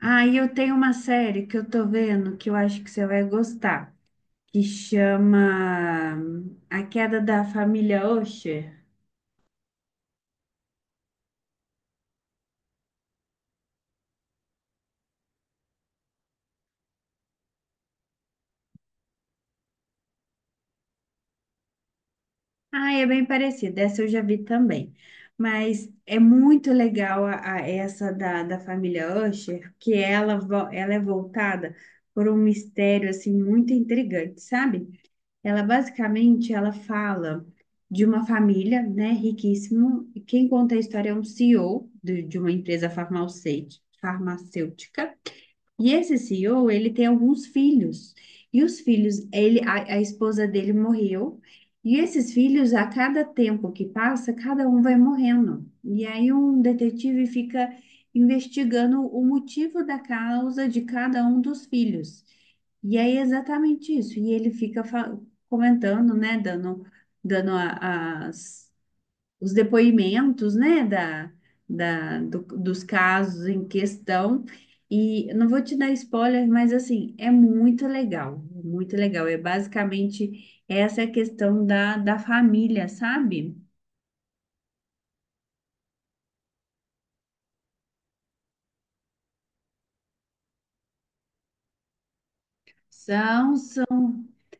Aí eu tenho uma série que eu tô vendo que eu acho que você vai gostar, que chama A Queda da Família Usher. Ah, é bem parecida, essa eu já vi também. Mas é muito legal essa da família Usher, que ela é voltada por um mistério assim muito intrigante, sabe? Ela basicamente ela fala de uma família, né, riquíssima. E Quem conta a história é um CEO de uma empresa farmacêutica, e esse CEO, ele tem alguns filhos. E os filhos, a esposa dele morreu. E esses filhos, a cada tempo que passa, cada um vai morrendo. E aí um detetive fica investigando o motivo da causa de cada um dos filhos. E aí é exatamente isso. E ele comentando, né, dando, dando a- as os depoimentos, né, dos casos em questão. E eu não vou te dar spoiler, mas assim, é muito legal, muito legal. É basicamente essa é a questão da família, sabe? São, são,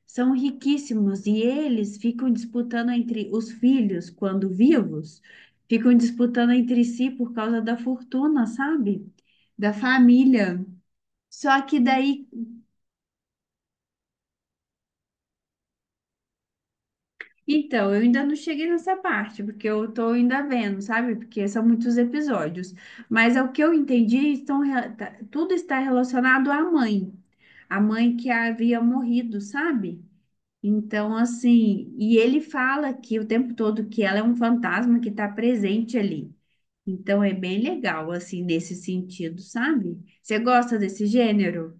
São riquíssimos e eles ficam disputando entre os filhos, quando vivos, ficam disputando entre si por causa da fortuna, sabe? Da família. Só que daí, então, eu ainda não cheguei nessa parte, porque eu tô ainda vendo, sabe? Porque são muitos episódios. Mas é o que eu entendi, tudo está relacionado à mãe. A mãe que havia morrido, sabe? Então, assim, e ele fala que o tempo todo que ela é um fantasma que está presente ali. Então, é bem legal, assim, nesse sentido, sabe? Você gosta desse gênero?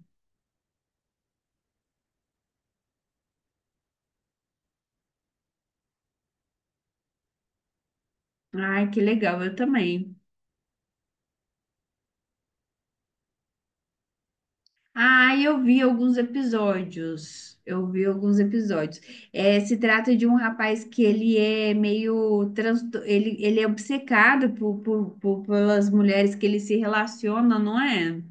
Ai, que legal, eu também. Ah, eu vi alguns episódios. Eu vi alguns episódios. É, se trata de um rapaz que ele é meio trans... ele é obcecado pelas mulheres que ele se relaciona, não é?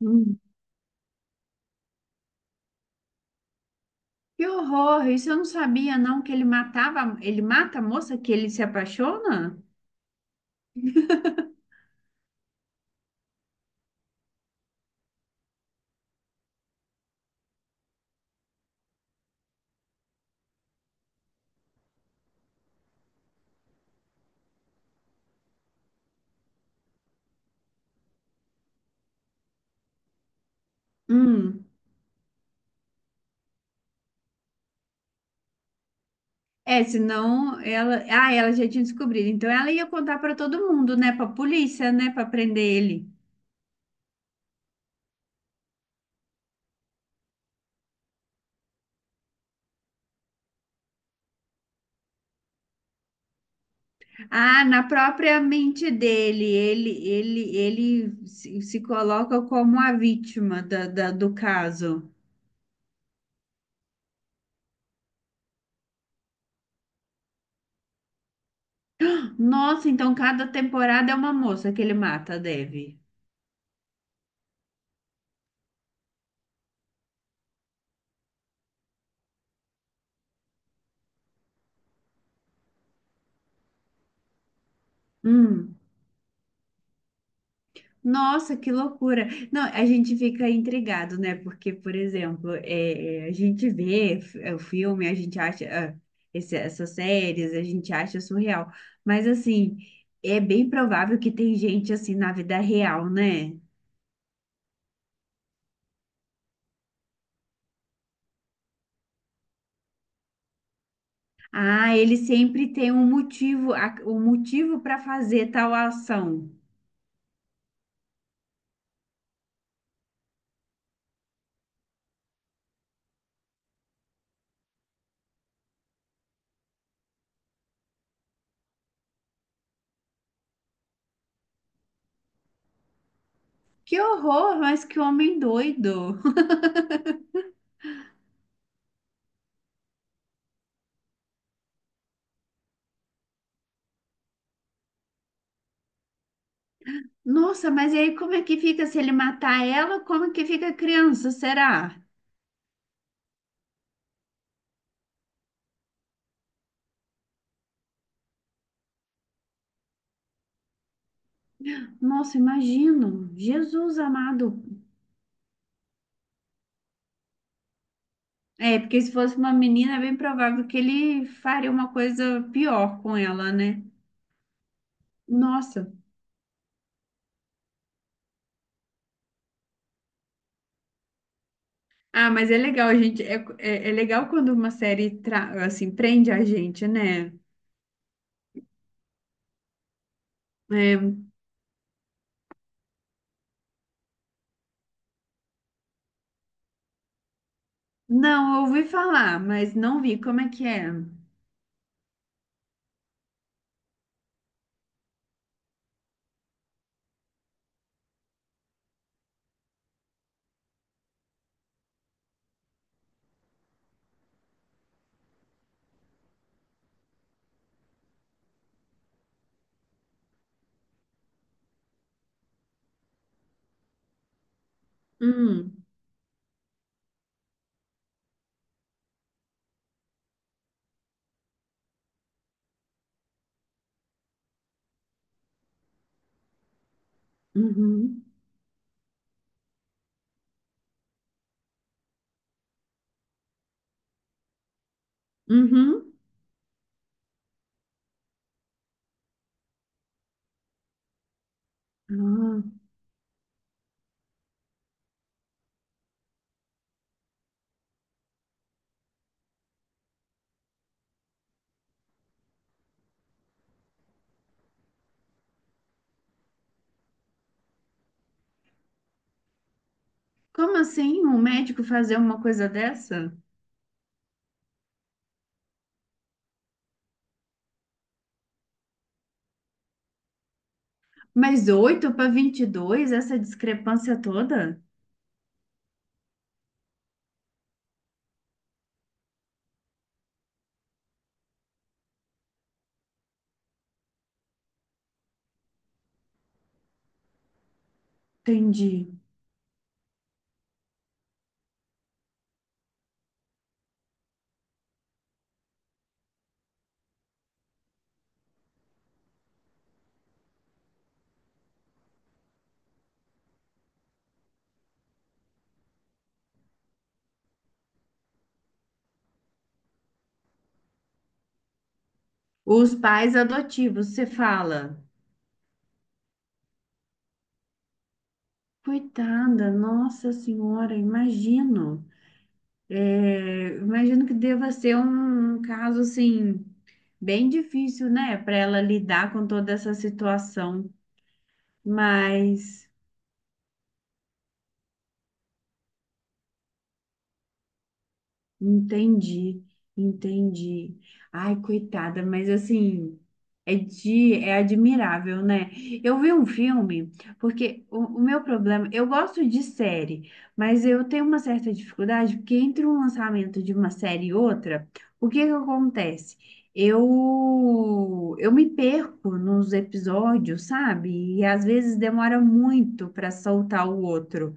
Hum. Que horror! Isso eu não sabia, não, que ele matava, ele mata a moça que ele se apaixona? Hum. É, senão ela, ah, ela já tinha descobrido. Então ela ia contar para todo mundo, né? Para polícia, né? Para prender ele. Ah, na própria mente dele, ele se coloca como a vítima do caso. Nossa, então cada temporada é uma moça que ele mata, deve. Hum. Nossa, que loucura. Não, a gente fica intrigado, né? Porque, por exemplo, a gente vê o filme, a gente acha ah, essas séries, a gente acha surreal. Mas, assim, é bem provável que tem gente assim na vida real, né? Ah, ele sempre tem um motivo, um motivo para fazer tal ação. Que horror, mas que homem doido. Nossa, mas e aí como é que fica se ele matar ela? Como que fica a criança, será? Nossa, imagino. Jesus amado. É, porque se fosse uma menina, é bem provável que ele faria uma coisa pior com ela, né? Nossa. Ah, mas é legal, gente. É legal quando uma série assim prende a gente, né? É. Não, eu ouvi falar, mas não vi. Como é que é? Hum, uhum, uhum. Ah, como assim um médico fazer uma coisa dessa? Mas 8 para 22, essa discrepância toda? Entendi. Os pais adotivos, você fala. Coitada, nossa senhora, imagino. É, imagino que deva ser um caso assim, bem difícil, né, para ela lidar com toda essa situação. Mas. Entendi, entendi. Ai, coitada, mas assim, é admirável, né? Eu vi um filme, porque o meu problema, eu gosto de série, mas eu tenho uma certa dificuldade, porque entre um lançamento de uma série e outra, o que que acontece? Eu me perco nos episódios, sabe? E às vezes demora muito para soltar o outro.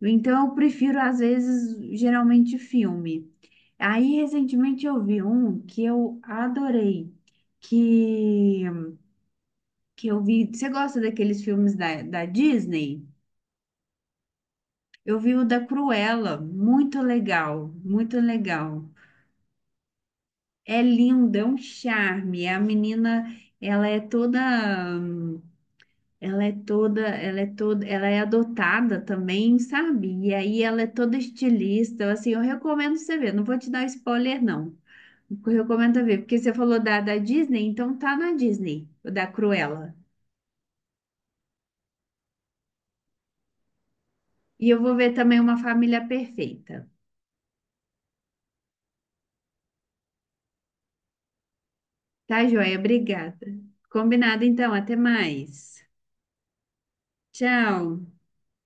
Então, eu prefiro, às vezes, geralmente filme. Aí, recentemente, eu vi um que eu adorei, que, que eu vi... Você gosta daqueles filmes da Disney? Eu vi o da Cruella, muito legal, muito legal. É lindo, é um charme. A menina, ela é toda... hum, Ela é toda... Ela é toda... Ela é adotada também, sabe? E aí, ela é toda estilista. Assim, eu recomendo você ver. Não vou te dar spoiler, não. Recomendo ver, porque você falou da Disney, então tá na Disney, o da Cruella. E eu vou ver também Uma Família Perfeita. Tá, joia? Obrigada. Combinado então, até mais. Tchau.